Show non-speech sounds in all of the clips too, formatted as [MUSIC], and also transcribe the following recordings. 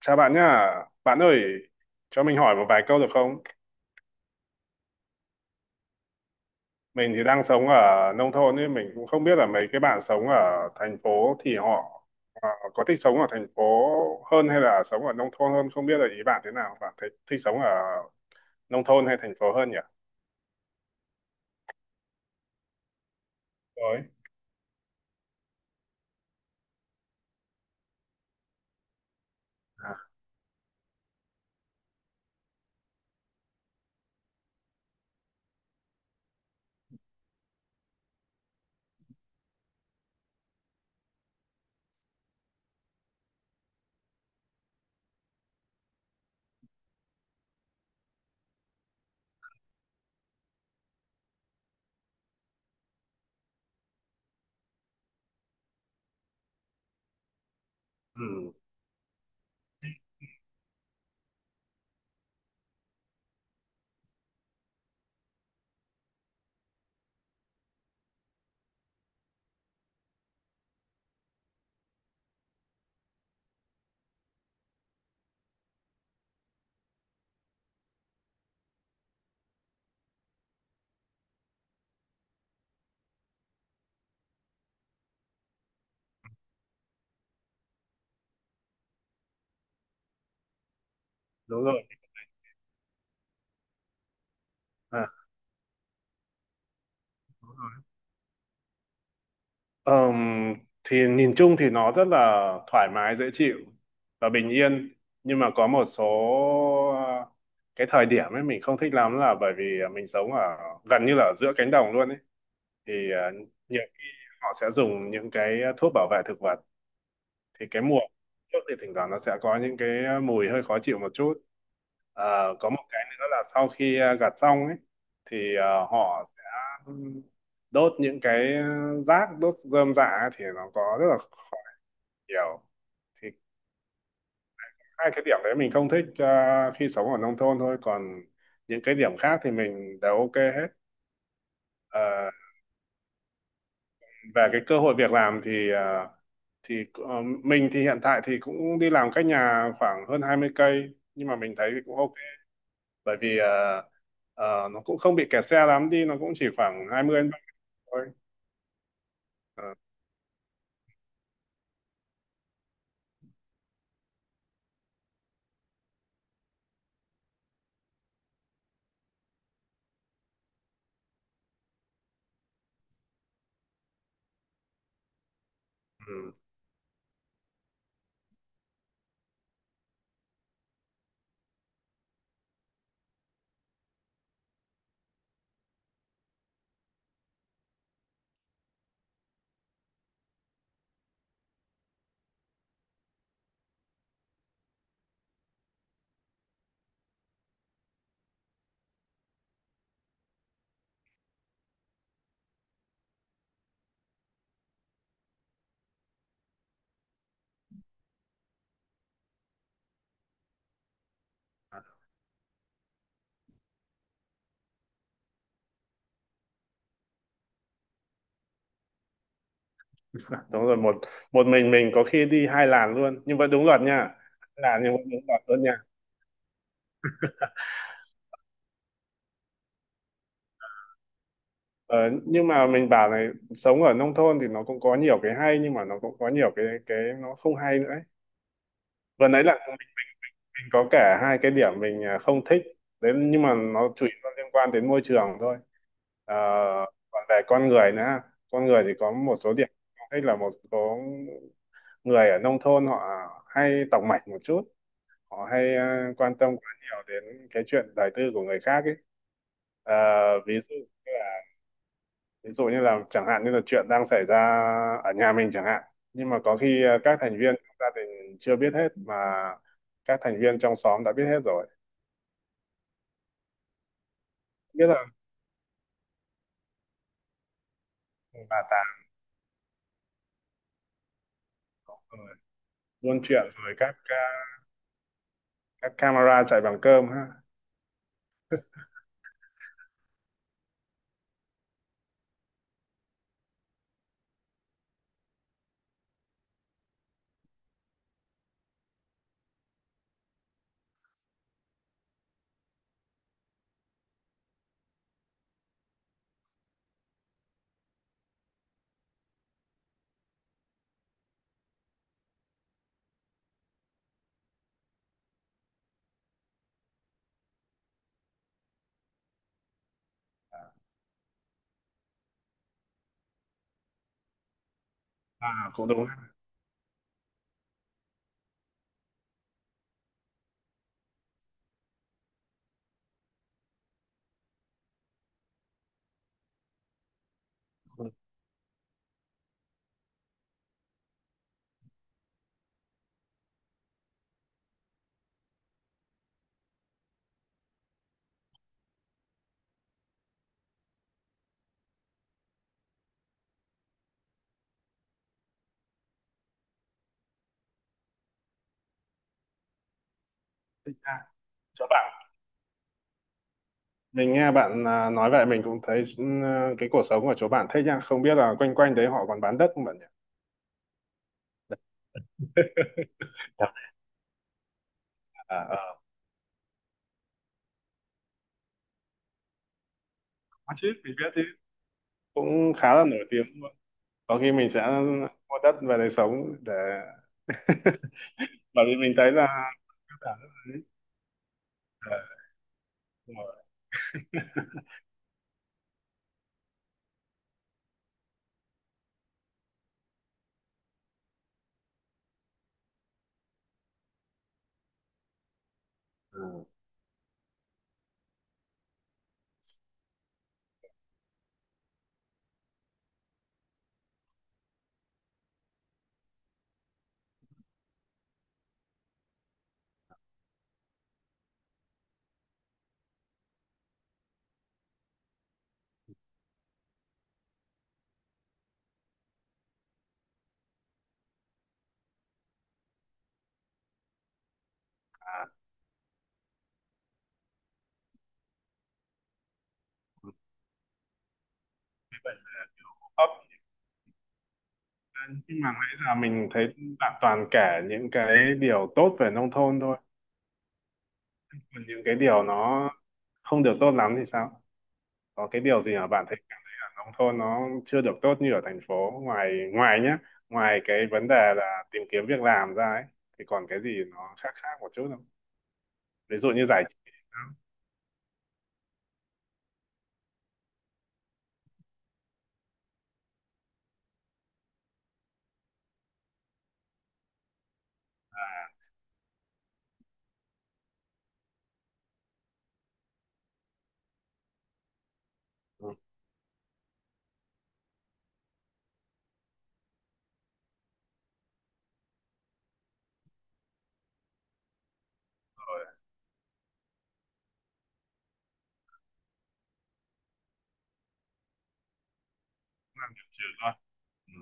Chào bạn nhá. Bạn ơi, cho mình hỏi một vài câu được không? Mình thì đang sống ở nông thôn nên mình cũng không biết là mấy cái bạn sống ở thành phố thì họ có thích sống ở thành phố hơn hay là sống ở nông thôn hơn, không biết là ý bạn thế nào. Bạn thấy thích sống ở nông thôn hay thành phố hơn nhỉ? Rồi. À, ừ, đúng rồi. À, Ờm, thì nhìn chung thì nó rất là thoải mái dễ chịu và bình yên, nhưng mà có một số ờ, cái thời điểm ấy mình không thích lắm là bởi vì mình sống ở gần như là ở giữa cánh đồng luôn ấy, thì nhiều khi họ sẽ dùng những cái thuốc bảo vệ thực vật thì cái mùa trước thì thỉnh thoảng nó sẽ có những cái mùi hơi khó chịu một chút. Ờ, có một cái nữa là sau khi gặt xong ấy thì họ sẽ đốt những cái rác, đốt rơm rạ ấy, thì nó có rất là khó nhiều. Thì hai cái điểm đấy mình không thích khi sống ở nông thôn thôi, còn những cái điểm khác thì mình đều ok hết. Ờ, về cái cơ hội việc làm thì mình thì hiện tại thì cũng đi làm cách nhà khoảng hơn 20 cây, nhưng mà mình thấy thì cũng ok, bởi vì nó cũng không bị kẹt xe lắm, đi nó cũng chỉ khoảng 20 đến 30 thôi. Ờ, ừ. Đúng rồi, một một mình có khi đi hai làn luôn nhưng vẫn đúng luật nha. Hai làn nhưng vẫn đúng luật luôn nha. Ờ, nhưng mà mình bảo này, sống ở nông thôn thì nó cũng có nhiều cái hay, nhưng mà nó cũng có nhiều cái nó không hay nữa ấy. Vừa nãy là có cả hai cái điểm mình không thích đấy, nhưng mà nó chủ yếu là liên quan đến môi trường thôi. Ờ, còn về con người nữa, con người thì có một số điểm không thích là một số người ở nông thôn họ hay tòng mạch một chút, họ hay quan tâm quá nhiều đến cái chuyện đời tư của người khác ấy. Ờ, ví dụ ví dụ như là chẳng hạn như là chuyện đang xảy ra ở nhà mình chẳng hạn, nhưng mà có khi các thành viên trong gia đình chưa biết hết mà các thành viên trong xóm đã biết hết rồi, biết là bà tám rồi, buôn chuyện rồi, các camera chạy bằng cơm ha. À, cũng đúng ha, cũng đúng ha. Chỗ bạn, mình nghe bạn nói vậy mình cũng thấy cái cuộc sống của chỗ bạn thích nha, không biết là quanh quanh đấy họ còn bán đất không bạn nhỉ? [LAUGHS] Dạ. À, ờ. Có chứ, mình biết chứ, cũng khá là nổi tiếng luôn. Có khi mình sẽ mua đất về để sống để [LAUGHS] bởi vì mình thấy là các bạn rất là thích. Ờ, đúng rồi. Ừ. À, thế vậy. Ờ, nhưng mà nãy giờ mình thấy bạn toàn kể những cái điều tốt về nông thôn thôi, còn những cái điều nó không được tốt lắm thì sao? Có cái điều gì mà bạn thấy cả nông thôn nó chưa được tốt như ở thành phố ngoài ngoài nhá, ngoài cái vấn đề là tìm kiếm việc làm ra ấy, thì còn cái gì nó khác khác một chút không? Ví dụ như giải trí. Ừ, rồi trừ thôi. Ừ.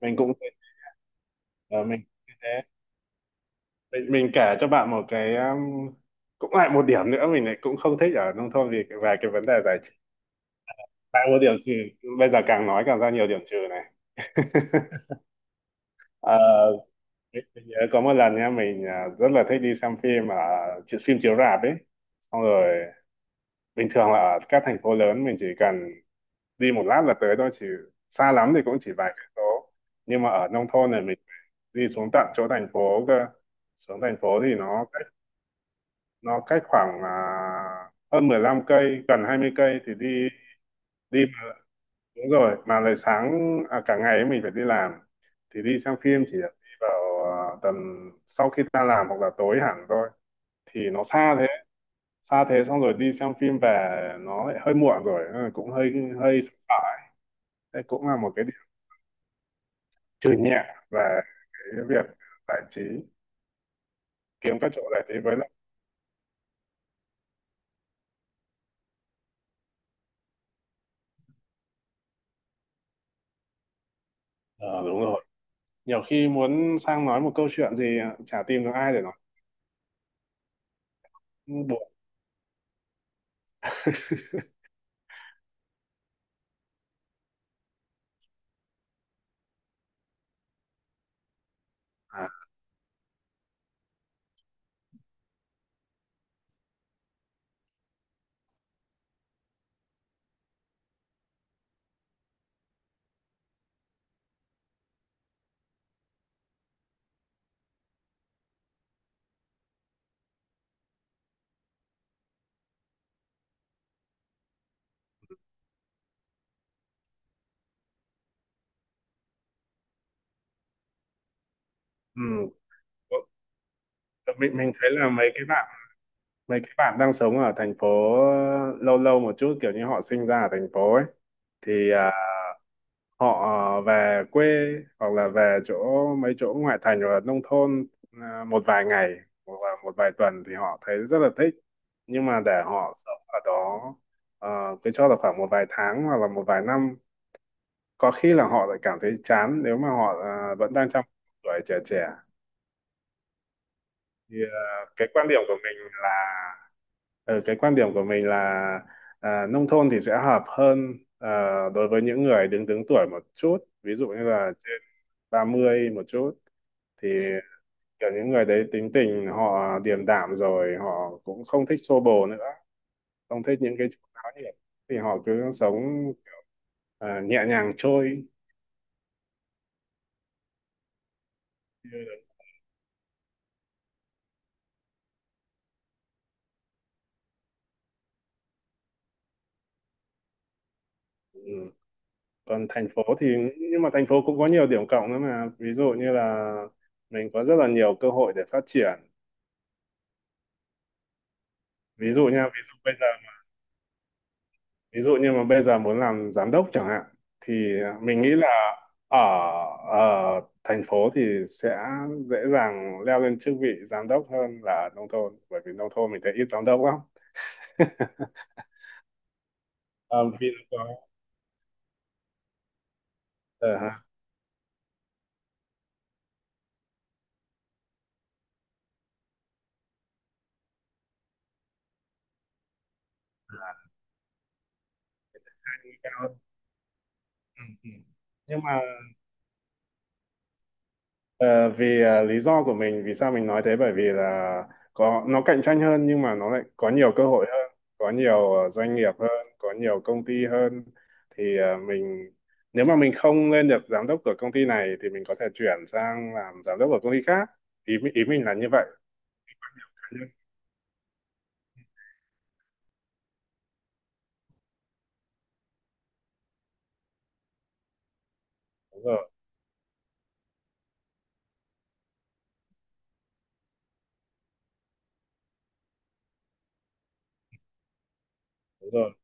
Mình cũng thế, ờ, mình cũng như thế. Mình kể cho bạn một cái, cũng lại một điểm nữa mình lại cũng không thích ở nông thôn vì về cái vấn đề giải. Đã có điểm trừ, bây giờ càng nói càng ra nhiều điểm trừ này. [LAUGHS] Ờ, mình nhớ có một lần nha, mình rất là thích đi xem phim ở phim chiếu rạp ấy, xong rồi bình thường là ở các thành phố lớn mình chỉ cần đi một lát là tới thôi, chỉ xa lắm thì cũng chỉ vài cây số, nhưng mà ở nông thôn này mình đi xuống tận chỗ thành phố cơ. Xuống thành phố thì nó cách khoảng hơn 15 cây, gần 20 cây thì đi đi Đúng rồi, mà lại sáng cả ngày ấy mình phải đi làm, thì đi xem phim chỉ được đi vào tầm sau khi ta làm hoặc là tối hẳn thôi, thì nó xa thế, xa thế xong rồi đi xem phim về nó lại hơi muộn rồi nên là cũng hơi hơi sợ sợ. Thế cũng là một cái điểm trừ nhẹ về cái việc giải trí, kiếm các chỗ giải trí với lại. Ờ, Đúng rồi, nhiều khi muốn sang nói một câu chuyện gì chả tìm được ai để nói, buồn. [LAUGHS] À, ừ. Mình thấy là mấy cái bạn đang sống ở thành phố lâu lâu một chút kiểu như họ sinh ra ở thành phố ấy, thì họ về quê hoặc là về chỗ mấy chỗ ngoại thành hoặc là nông thôn một vài ngày hoặc là một vài tuần thì họ thấy rất là thích, nhưng mà để họ sống ở đó cứ cho là khoảng một vài tháng hoặc là một vài năm có khi là họ lại cảm thấy chán nếu mà họ vẫn đang trong tuổi trẻ trẻ. Thì cái quan điểm của mình là, cái quan điểm của mình là nông thôn thì sẽ hợp hơn đối với những người đứng đứng tuổi một chút, ví dụ như là trên 30 một chút, thì kiểu những người đấy tính tình họ điềm đạm rồi, họ cũng không thích xô bồ nữa, không thích những cái chuyện náo nhiệt thì họ cứ sống nhẹ nhàng trôi. Ừ. Còn thành phố thì, nhưng mà thành phố cũng có nhiều điểm cộng nữa mà, ví dụ như là mình có rất là nhiều cơ hội để phát triển. Ví dụ nha, ví dụ bây giờ, ví dụ như mà bây giờ muốn làm giám đốc chẳng hạn thì mình nghĩ là ở ở thành phố thì sẽ dễ dàng leo lên chức vị giám đốc hơn là ở nông thôn, bởi vì nông thôn mình thấy ít giám đốc lắm. [LAUGHS] Ờ, Vì nó có, ờ, ha, cao hơn. Ừ, ừ. Nhưng mà lý do của mình vì sao mình nói thế bởi vì là có nó cạnh tranh hơn nhưng mà nó lại có nhiều cơ hội hơn, có nhiều doanh nghiệp hơn, có nhiều công ty hơn, thì mình nếu mà mình không lên được giám đốc của công ty này thì mình có thể chuyển sang làm giám đốc của công ty khác, ý ý mình là như vậy. Đúng rồi, đúng rồi,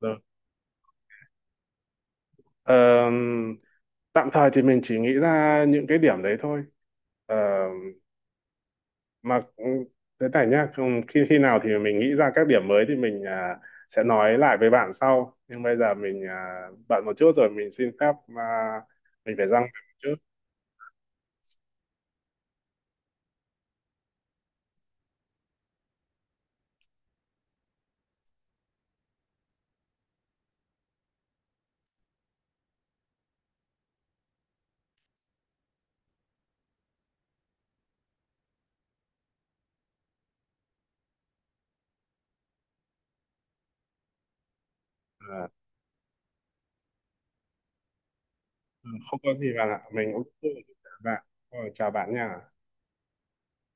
đúng rồi. Ờ, tạm thời thì mình chỉ nghĩ ra những cái điểm đấy thôi. Ờ, mà thế này nhá, khi khi nào thì mình nghĩ ra các điểm mới thì mình sẽ nói lại với bạn sau, nhưng bây giờ mình bận một chút rồi, mình xin phép à, mình phải ra ngoài một chút. À, ừ, không có gì bạn ạ, mình cũng chào bạn. Rồi, chào bạn nha.